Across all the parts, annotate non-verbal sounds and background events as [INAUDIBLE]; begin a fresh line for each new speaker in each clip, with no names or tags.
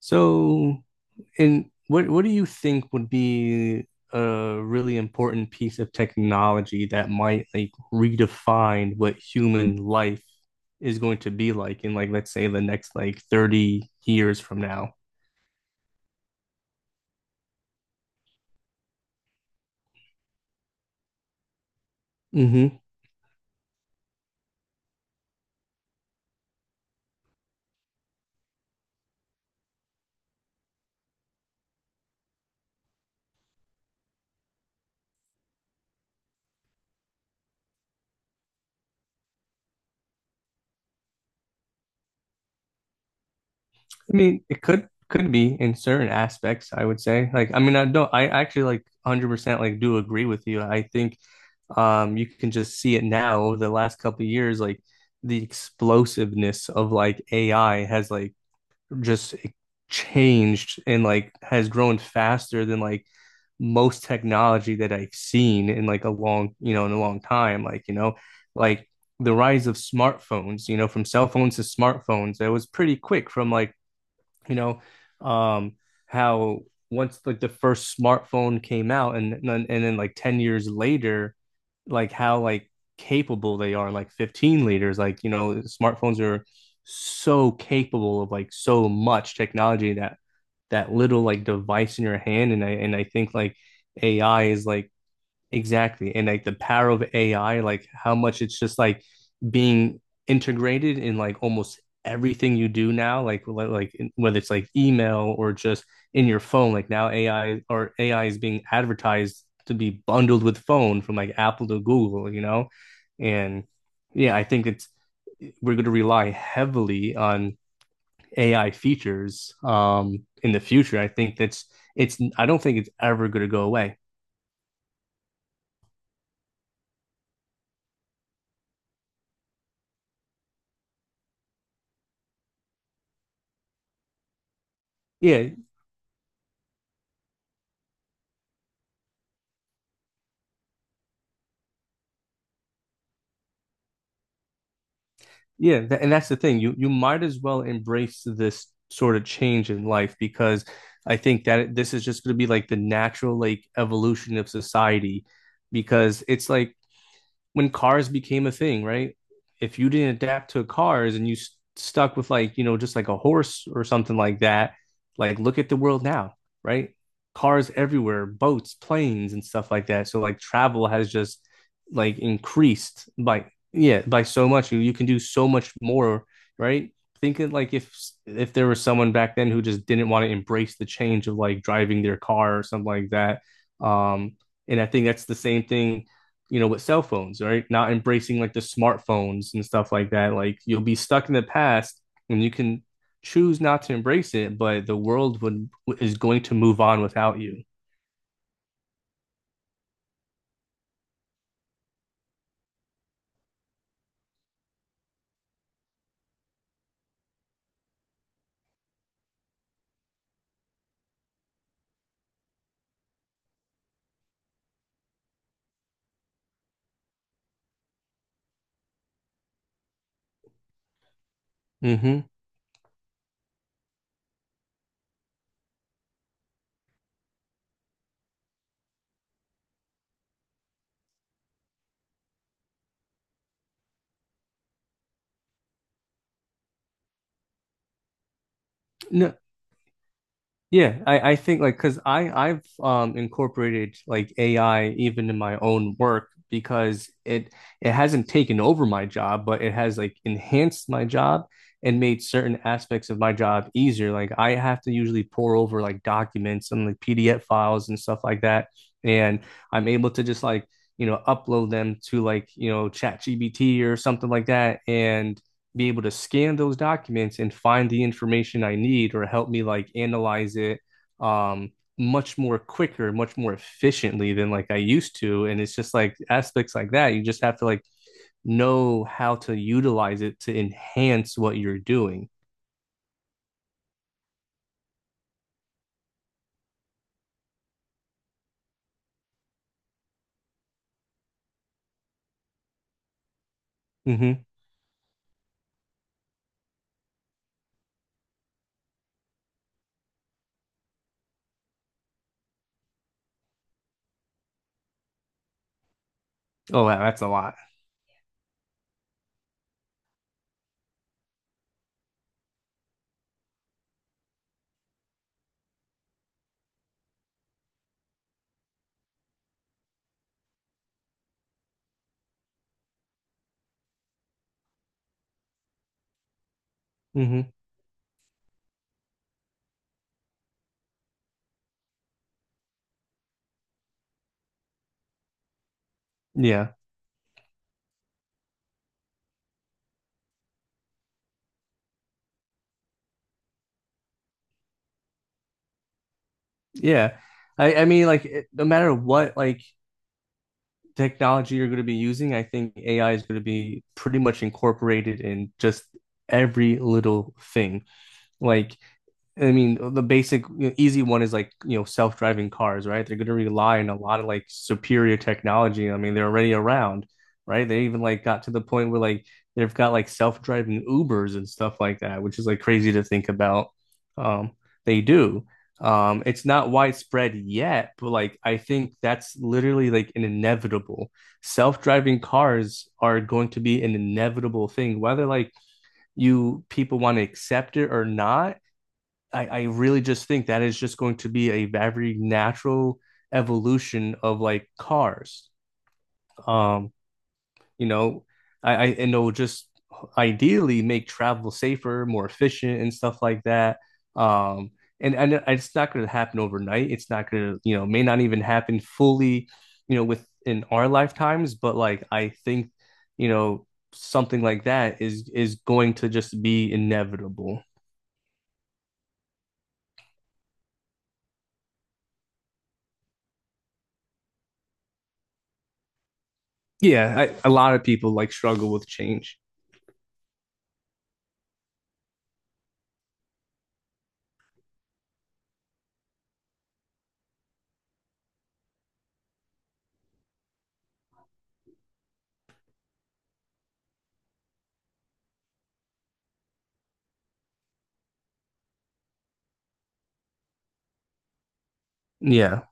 So, and what do you think would be a really important piece of technology that might like redefine what human life is going to be like in like let's say the next like 30 years from now? Hmm. I mean, it could be in certain aspects, I would say. Like, I mean, I don't, I actually like 100% like do agree with you. I think you can just see it now over the last couple of years, like the explosiveness of like AI has like just changed and like has grown faster than like most technology that I've seen in like a long, in a long time. Like, you know, like the rise of smartphones, you know, from cell phones to smartphones, that was pretty quick from like, you know, um, how once like the first smartphone came out and then like 10 years later, like how like capable they are, like 15 liters, like you know, smartphones are so capable of like so much technology that that little like device in your hand. And I think like AI is like. Exactly. And like the power of AI, like how much it's just like being integrated in like almost everything you do now, like whether it's like email or just in your phone, like now AI is being advertised to be bundled with phone from like Apple to Google, you know? And yeah, I think it's we're going to rely heavily on AI features in the future. I think that's it's I don't think it's ever going to go away. Yeah. And that's the thing. You might as well embrace this sort of change in life, because I think that this is just going to be like the natural like evolution of society, because it's like when cars became a thing, right? If you didn't adapt to cars and you stuck with like, you know, just like a horse or something like that, like look at the world now, right? Cars everywhere, boats, planes, and stuff like that. So like travel has just like increased by, yeah, by so much. You can do so much more, right? Thinking like if there was someone back then who just didn't want to embrace the change of like driving their car or something like that. Um, and I think that's the same thing, you know, with cell phones, right? Not embracing like the smartphones and stuff like that. Like you'll be stuck in the past, and you can choose not to embrace it, but the world would is going to move on without you. Hmm. No. Yeah, I think like because I've incorporated like AI even in my own work, because it hasn't taken over my job, but it has like enhanced my job and made certain aspects of my job easier. Like I have to usually pour over like documents and like PDF files and stuff like that, and I'm able to just like, you know, upload them to like, you know, ChatGPT or something like that, and be able to scan those documents and find the information I need, or help me like analyze it um much more quicker, much more efficiently than like I used to. And it's just like aspects like that. You just have to like know how to utilize it to enhance what you're doing. Hmm. Oh, wow, that's a lot. Hmm. Yeah. Yeah. I mean, like, it, no matter what, like, technology you're going to be using, I think AI is going to be pretty much incorporated in just every little thing. Like, I mean, the basic, you know, easy one is like, you know, self-driving cars, right? They're going to rely on a lot of like superior technology. I mean, they're already around, right? They even like got to the point where like they've got like self-driving Ubers and stuff like that, which is like crazy to think about. Um, they do. It's not widespread yet, but like I think that's literally like an inevitable. Self-driving cars are going to be an inevitable thing, whether like you people want to accept it or not. I really just think that is just going to be a very natural evolution of like cars. Um, you know, I and it'll just ideally make travel safer, more efficient, and stuff like that. Um, and it's not going to happen overnight. It's not going to, you know, may not even happen fully, you know, within our lifetimes. But like I think, you know, something like that is going to just be inevitable. Yeah, a lot of people like struggle with change. Yeah.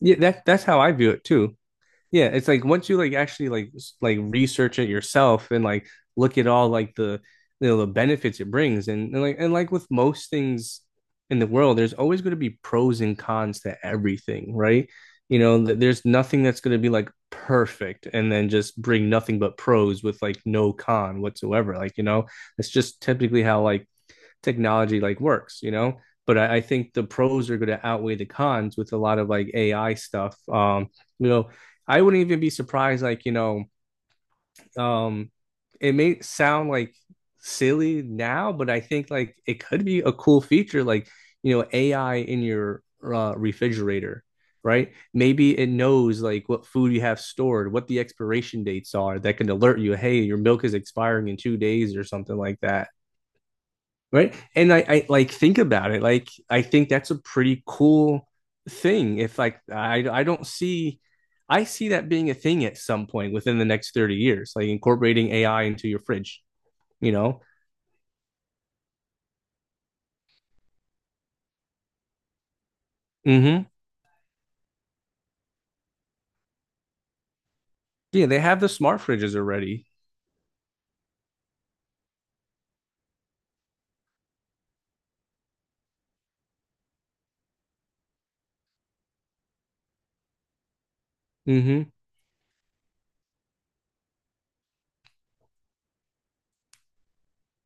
Yeah, that that's how I view it too. Yeah, it's like once you like actually like research it yourself and like look at all like the you know, the benefits it brings. And like, and like with most things in the world, there's always going to be pros and cons to everything, right? You know, there's nothing that's going to be like perfect and then just bring nothing but pros with like no con whatsoever. Like, you know, that's just typically how like technology like works, you know. But I think the pros are going to outweigh the cons with a lot of like AI stuff. You know, I wouldn't even be surprised, like, you know, um, it may sound like silly now, but I think like it could be a cool feature, like, you know, AI in your refrigerator, right? Maybe it knows like what food you have stored, what the expiration dates are, that can alert you, hey, your milk is expiring in 2 days or something like that, right? And I like think about it, like I think that's a pretty cool thing, if like I don't see. I see that being a thing at some point within the next 30 years, like incorporating ai into your fridge, you know. Mm-hmm. Yeah, they have the smart fridges already. Mm-hmm.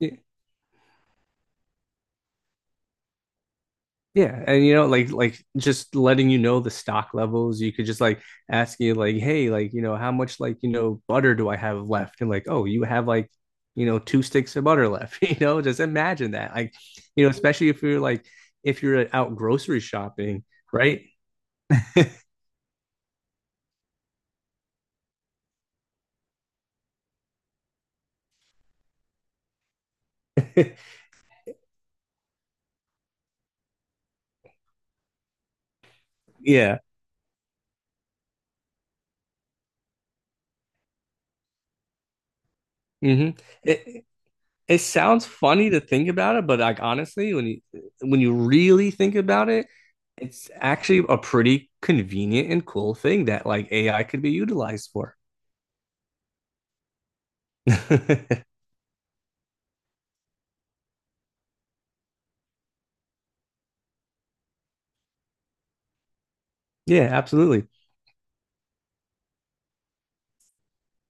Yeah. Yeah, and you know, like just letting you know the stock levels. You could just like ask you like, hey, like you know, how much like you know butter do I have left? And like, oh, you have like you know two sticks of butter left. [LAUGHS] You know, just imagine that. Like, you know, especially if you're like if you're out grocery shopping, right? [LAUGHS] Yeah. Hmm. It sounds funny to think about it, but like honestly, when you really think about it, it's actually a pretty convenient and cool thing that like AI could be utilized for. [LAUGHS] Yeah, absolutely.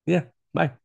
Yeah. Bye.